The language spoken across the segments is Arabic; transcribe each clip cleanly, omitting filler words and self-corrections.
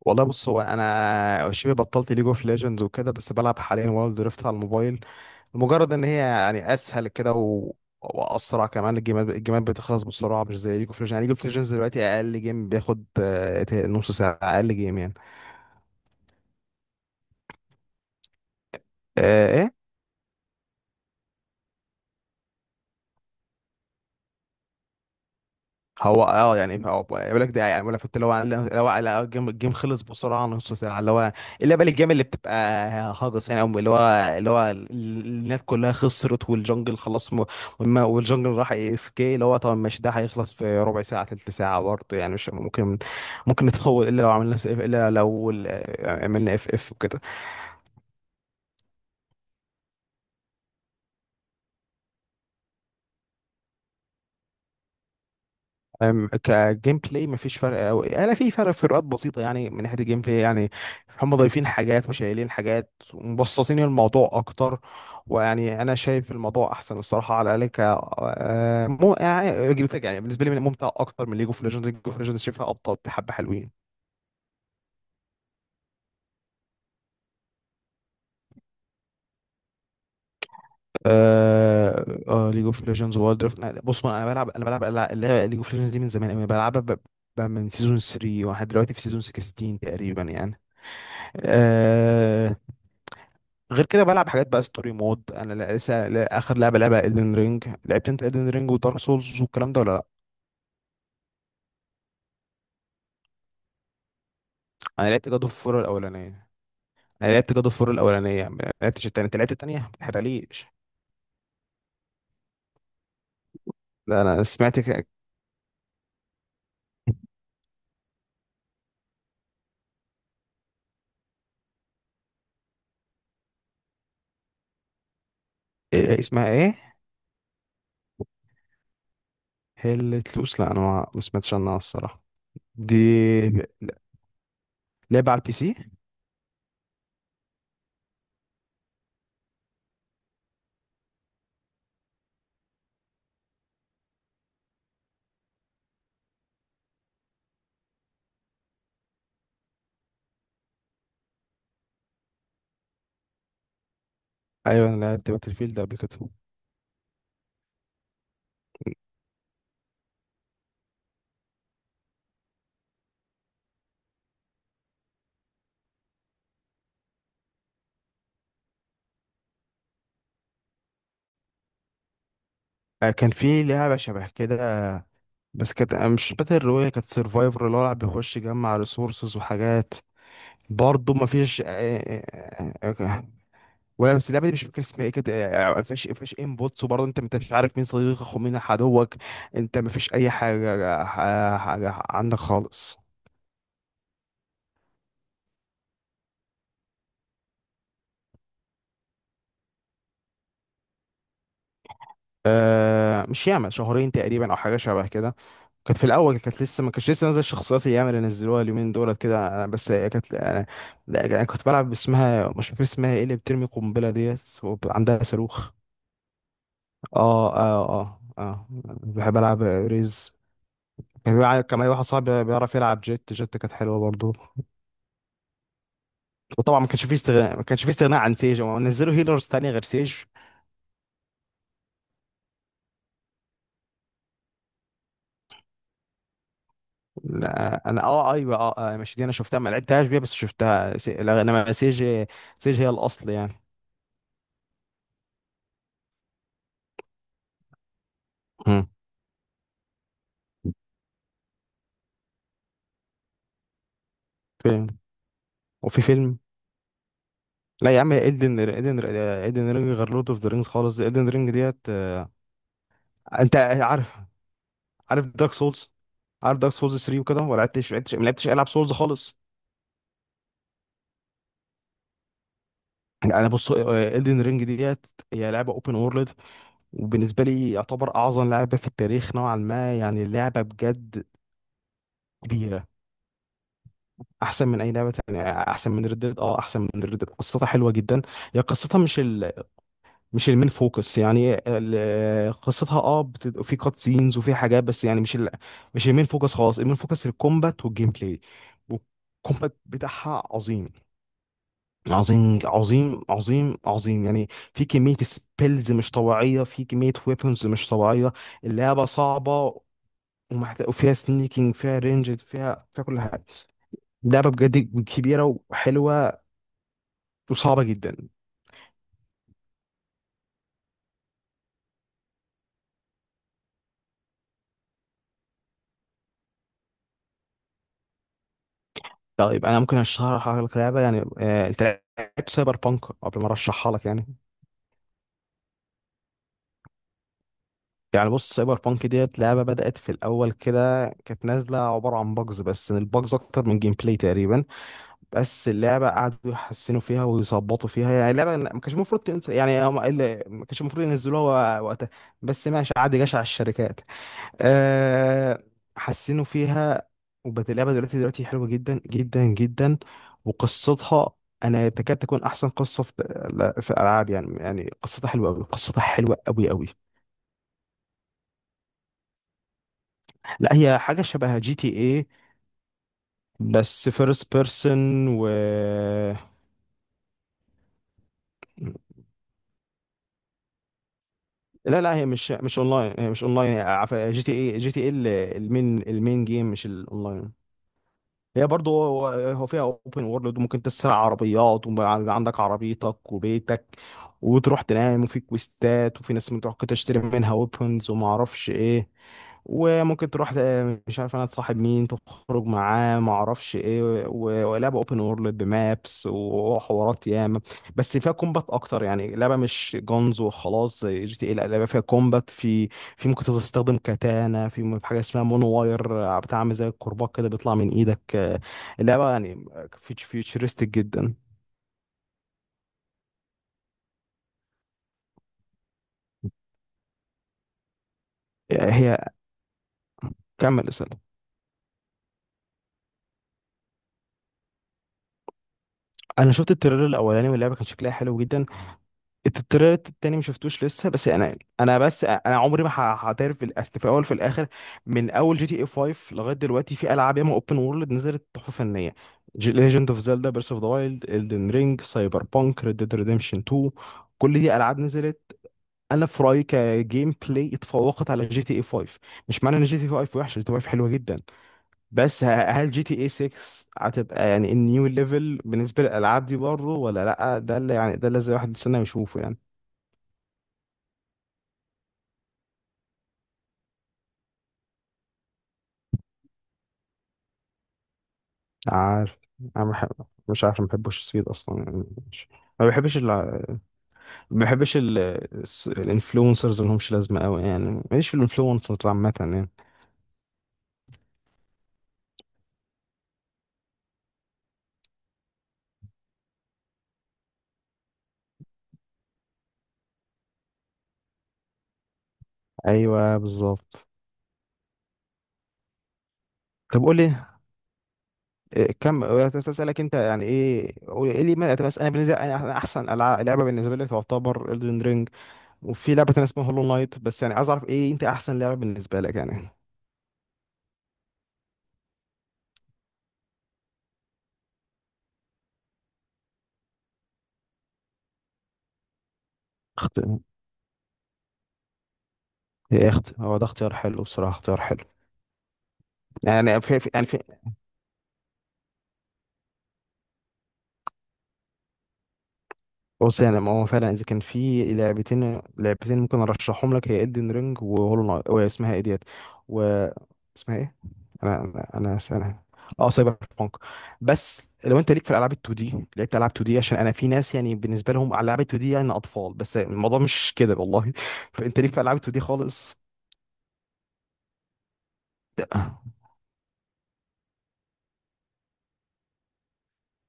والله، بص. هو انا شبه بطلت ليج اوف ليجندز وكده، بس بلعب حاليا وايلد دريفت على الموبايل لمجرد ان هي يعني اسهل كده واسرع كمان. الجيمات بتخلص بسرعه، مش زي ليج اوف ليجندز. يعني ليج اوف ليجندز دلوقتي اقل جيم بياخد نص ساعه، اقل جيم يعني. إيه؟ هو يعني، هو بيقول لك ده، يعني بيقول لك، فانت لو على الجيم خلص بسرعه، نص ساعه، اللي هو، اللي بقى الجيم اللي بتبقى هاجس يعني، أو اللي هو اللي هو ال- الناس كلها خسرت، والجنجل خلاص والجنجل راح اي اف كي، اللي هو طبعا مش ده هيخلص في ربع ساعه. تلت ساعه برضه يعني، مش ممكن ممكن نتطور الا لو عملنا اف، عملنا اف وكده. كجيم بلاي مفيش فرق قوي. انا في فروقات بسيطه يعني، من ناحيه الجيم بلاي يعني. هم ضايفين حاجات وشايلين حاجات ومبسطين الموضوع اكتر. ويعني انا شايف الموضوع احسن الصراحه، على الاقل ك آه، مو يعني جيم بلاي يعني، بالنسبه لي ممتع اكتر من ليج اوف ليجندز. ليج اوف ليجندز شايفها ابطال بحبه حلوين. ليج اوف ليجندز وورلد درافت. بص انا بلعب، انا بلعب ليج اوف ليجندز دي من زمان قوي، بلعبها من سيزون 3 واحد، دلوقتي في سيزون 16 تقريبا يعني. آه، غير كده بلعب حاجات بقى ستوري مود. انا لا- لسه لا- اخر لعبه ايدن رينج. لعبت انت ايدن رينج ودارك سولز والكلام ده ولا لا؟ انا لعبت جاد اوف فور الاولانيه انا لعبت جاد اوف فور الاولانيه، ما لعبتش التانيه. انت لعبت التانيه، ما تحرقليش. لا، انا سمعت إيه، اسمها ايه؟ هيل تلوس، لا انا ما سمعتش عنها الصراحه. دي لعبه على البي سي. ايوه، انا لعبت باتل فيلد قبل كده. كان في لعبه شبه كده، بس كانت مش باتل رويال، كانت سرفايفر، اللي هو الواحد بيخش يجمع ريسورسز وحاجات. برضه ما فيش آه، آه، آه، ولا، بس اللعبه دي مش فاكر اسمها ايه، كانت ما فيش ما فيش انبوتس، وبرضه انت مش عارف مين صديقك ومين عدوك. انت ما فيش اي حاجه، حاجة عندك خالص. مش ياما، شهرين تقريبا او حاجه شبه كده. كانت في الاول، كانت لسه ما كانتش لسه نازله الشخصيات الياما اللي نزلوها اليومين دولت كده. أنا بس هي كانت انا، لا، انا كنت بلعب باسمها مش فاكر اسمها ايه، اللي بترمي قنبله ديت وعندها صاروخ. اه اه اه اه، بحب العب ريز. كان معايا واحد صاحبي بيعرف يلعب جيت. جيت كانت حلوه برضه. وطبعا ما كانش فيه استغناء عن سيج. هم نزلوا هيلرز تانية غير سيج. لا، انا اه، ايوه، اه، ماشي، دي انا شفتها، ما لعبتهاش بيها، بس شفتها لا، انما سيج. سيج هي الاصل يعني. مم. فيلم، وفي فيلم. لا يا عم، ايدن رينج غير لورد اوف ذا رينجز خالص. ايدن رينج ديت انت عارف، دارك سولز؟ عارف دارك سولز 3 وكده ولا لعبتش؟ ما لعبتش العب سولز خالص. انا بص، ايدن رينج ديت هي لعبه اوبن وورلد، وبالنسبة لي يعتبر أعظم لعبة في التاريخ نوعا ما يعني. اللعبة بجد كبيرة. أحسن من أي لعبة تانية، أحسن من ردد، أحسن من ردد. قصتها حلوة جدا. هي قصتها مش المين فوكس يعني. قصتها في كات سينز وفي حاجات، بس يعني مش المين فوكس خالص. المين فوكس الكومبات والجيم بلاي، والكومبات بتاعها عظيم. عظيم عظيم عظيم عظيم يعني. في كمية سبيلز مش طبيعية، في كمية ويبونز مش طبيعية. اللعبة صعبة. وفيها سنيكينج، فيها رينج، فيها كل حاجه. لعبه بجد كبيره، وحلوه، وصعبه جدا. طيب، انا ممكن اشرح لك لعبه يعني، انت لعبت سايبر بانك قبل ما ارشحها لك يعني؟ يعني بص، سايبر بانك ديت لعبه بدات في الاول كده، كانت نازله عباره عن باجز، بس الباجز اكتر من جيم بلاي تقريبا. بس اللعبه قعدوا يحسنوا فيها ويظبطوا فيها. يعني اللعبه ما كانش المفروض تنزل يعني، ما كانش المفروض ينزلوها وقتها. بس ماشي، عادي، جشع الشركات. أه، حسنوا فيها، وبقت اللعبة دلوقتي، حلوة جدا جدا جدا. وقصتها أنا تكاد تكون أحسن قصة في، لا، في الألعاب يعني. قصتها حلوة أوي، قصتها حلوة أوي أوي. لا، هي حاجة شبه جي تي إيه، بس فيرست بيرسون و... لا، هي مش اونلاين، هي مش اونلاين. جي تي اي، المين، جيم مش الاونلاين. هي برضه، هو فيها اوبن وورلد، وممكن تسرق عربيات ويبقى عندك عربيتك وبيتك، وتروح تنام، وفي كويستات، وفي ناس ممكن تروح تشتري منها ويبونز وما اعرفش ايه، وممكن تروح مش عارف انا، تصاحب مين، تخرج معاه ما اعرفش ايه، ولعبه اوبن وورلد بمابس وحوارات ياما. بس فيها كومبات اكتر، يعني لعبه مش جونز وخلاص زي جي تي اي. لا لعبه فيها كومبات. في، في ممكن تستخدم كاتانا في في حاجه اسمها مونو واير، بتعمل زي الكرباج كده، بيطلع من ايدك اللعبه يعني فيوتشرستيك جدا. هي، كمل اسال. انا شفت التريلر الاولاني واللعبه كان شكلها حلو جدا. التريلر التاني ما شفتوش لسه. بس انا بس انا عمري ما هعترف. في الاصل، في الاول، في الاخر، من اول جي تي اي 5 لغايه دلوقتي في العاب ياما اوبن وورلد نزلت تحفه فنيه: ليجند اوف زيلدا، بيرس اوف ذا وايلد، الدن رينج، سايبر بانك، ريد ديد ريديمشن 2. كل دي العاب نزلت، انا في رايي كجيم بلاي اتفوقت على جي تي اي 5. مش معنى ان جي تي اي 5 وحشه، جي تي اي 5 حلوه جدا، بس هل جي تي اي 6 هتبقى يعني النيو ليفل بالنسبه للالعاب دي برضه ولا لا؟ ده اللي يعني، ده اللي زي واحد يستنى يشوفه يعني. عارف، انا بحب، مش عارف، ما بحبوش السويد اصلا يعني. مش... ما بحبش ال... ما بحبش الانفلونسرز ما لهمش لازمه قوي يعني، ماليش في الانفلونسرز عامه يعني. ايوه، بالظبط. طب قول لي، إيه كم اسالك انت يعني، ايه قول ايه لي ما... بس انا بالنسبه، أنا احسن لعبه بالنسبه لي تعتبر Elden Ring، وفي لعبه تانيه اسمها هولو نايت. بس يعني عايز اعرف ايه انت احسن لعبه بالنسبه لك يعني؟ اخت ايه اخت هو ده اختيار حلو، بصراحه اختيار حلو. يعني يعني بص، يعني ما هو فعلا اذا كان في لعبتين، ممكن ارشحهم لك، هي ادن رينج وهولو نايت واسمها ايه ديت، و... اسمها ايه؟ انا انا انا أنا- اه، سايبر بانك. بس لو انت ليك في الالعاب ال 2 دي، لعبت العاب 2 دي؟ عشان انا في ناس يعني بالنسبه لهم العاب ال 2 دي يعني اطفال، بس الموضوع مش كده والله فانت ليك في العاب 2 دي خالص؟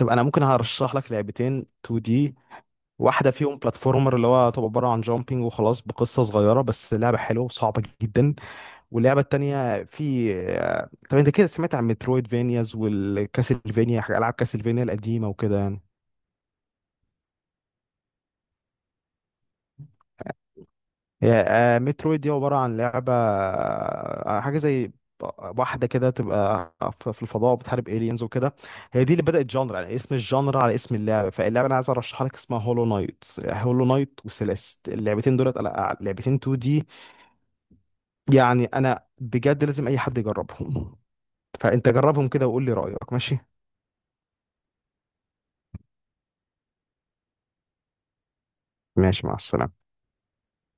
طب انا ممكن هرشح لك لعبتين 2 دي. واحده فيهم بلاتفورمر، اللي هو تبقى عباره عن جامبينج وخلاص بقصه صغيره، بس لعبه حلوه وصعبه جدا. واللعبه التانيه في طب انت كده سمعت عن مترويد فينياز والكاسلفينيا، العاب كاسلفينيا القديمه وكده يعني؟ هي مترويد دي عباره عن لعبه حاجه زي واحده كده تبقى في الفضاء، بتحارب الينز وكده. هي دي اللي بدات جانر، يعني اسم الجانر على اسم اللعبه. فاللعبه انا عايز ارشحها لك اسمها هولو نايت. هولو نايت وسيليست، اللعبتين دولت لعبتين 2 دي. يعني انا بجد لازم اي حد يجربهم فانت جربهم كده وقول لي رايك. ماشي؟ ماشي، مع السلامه.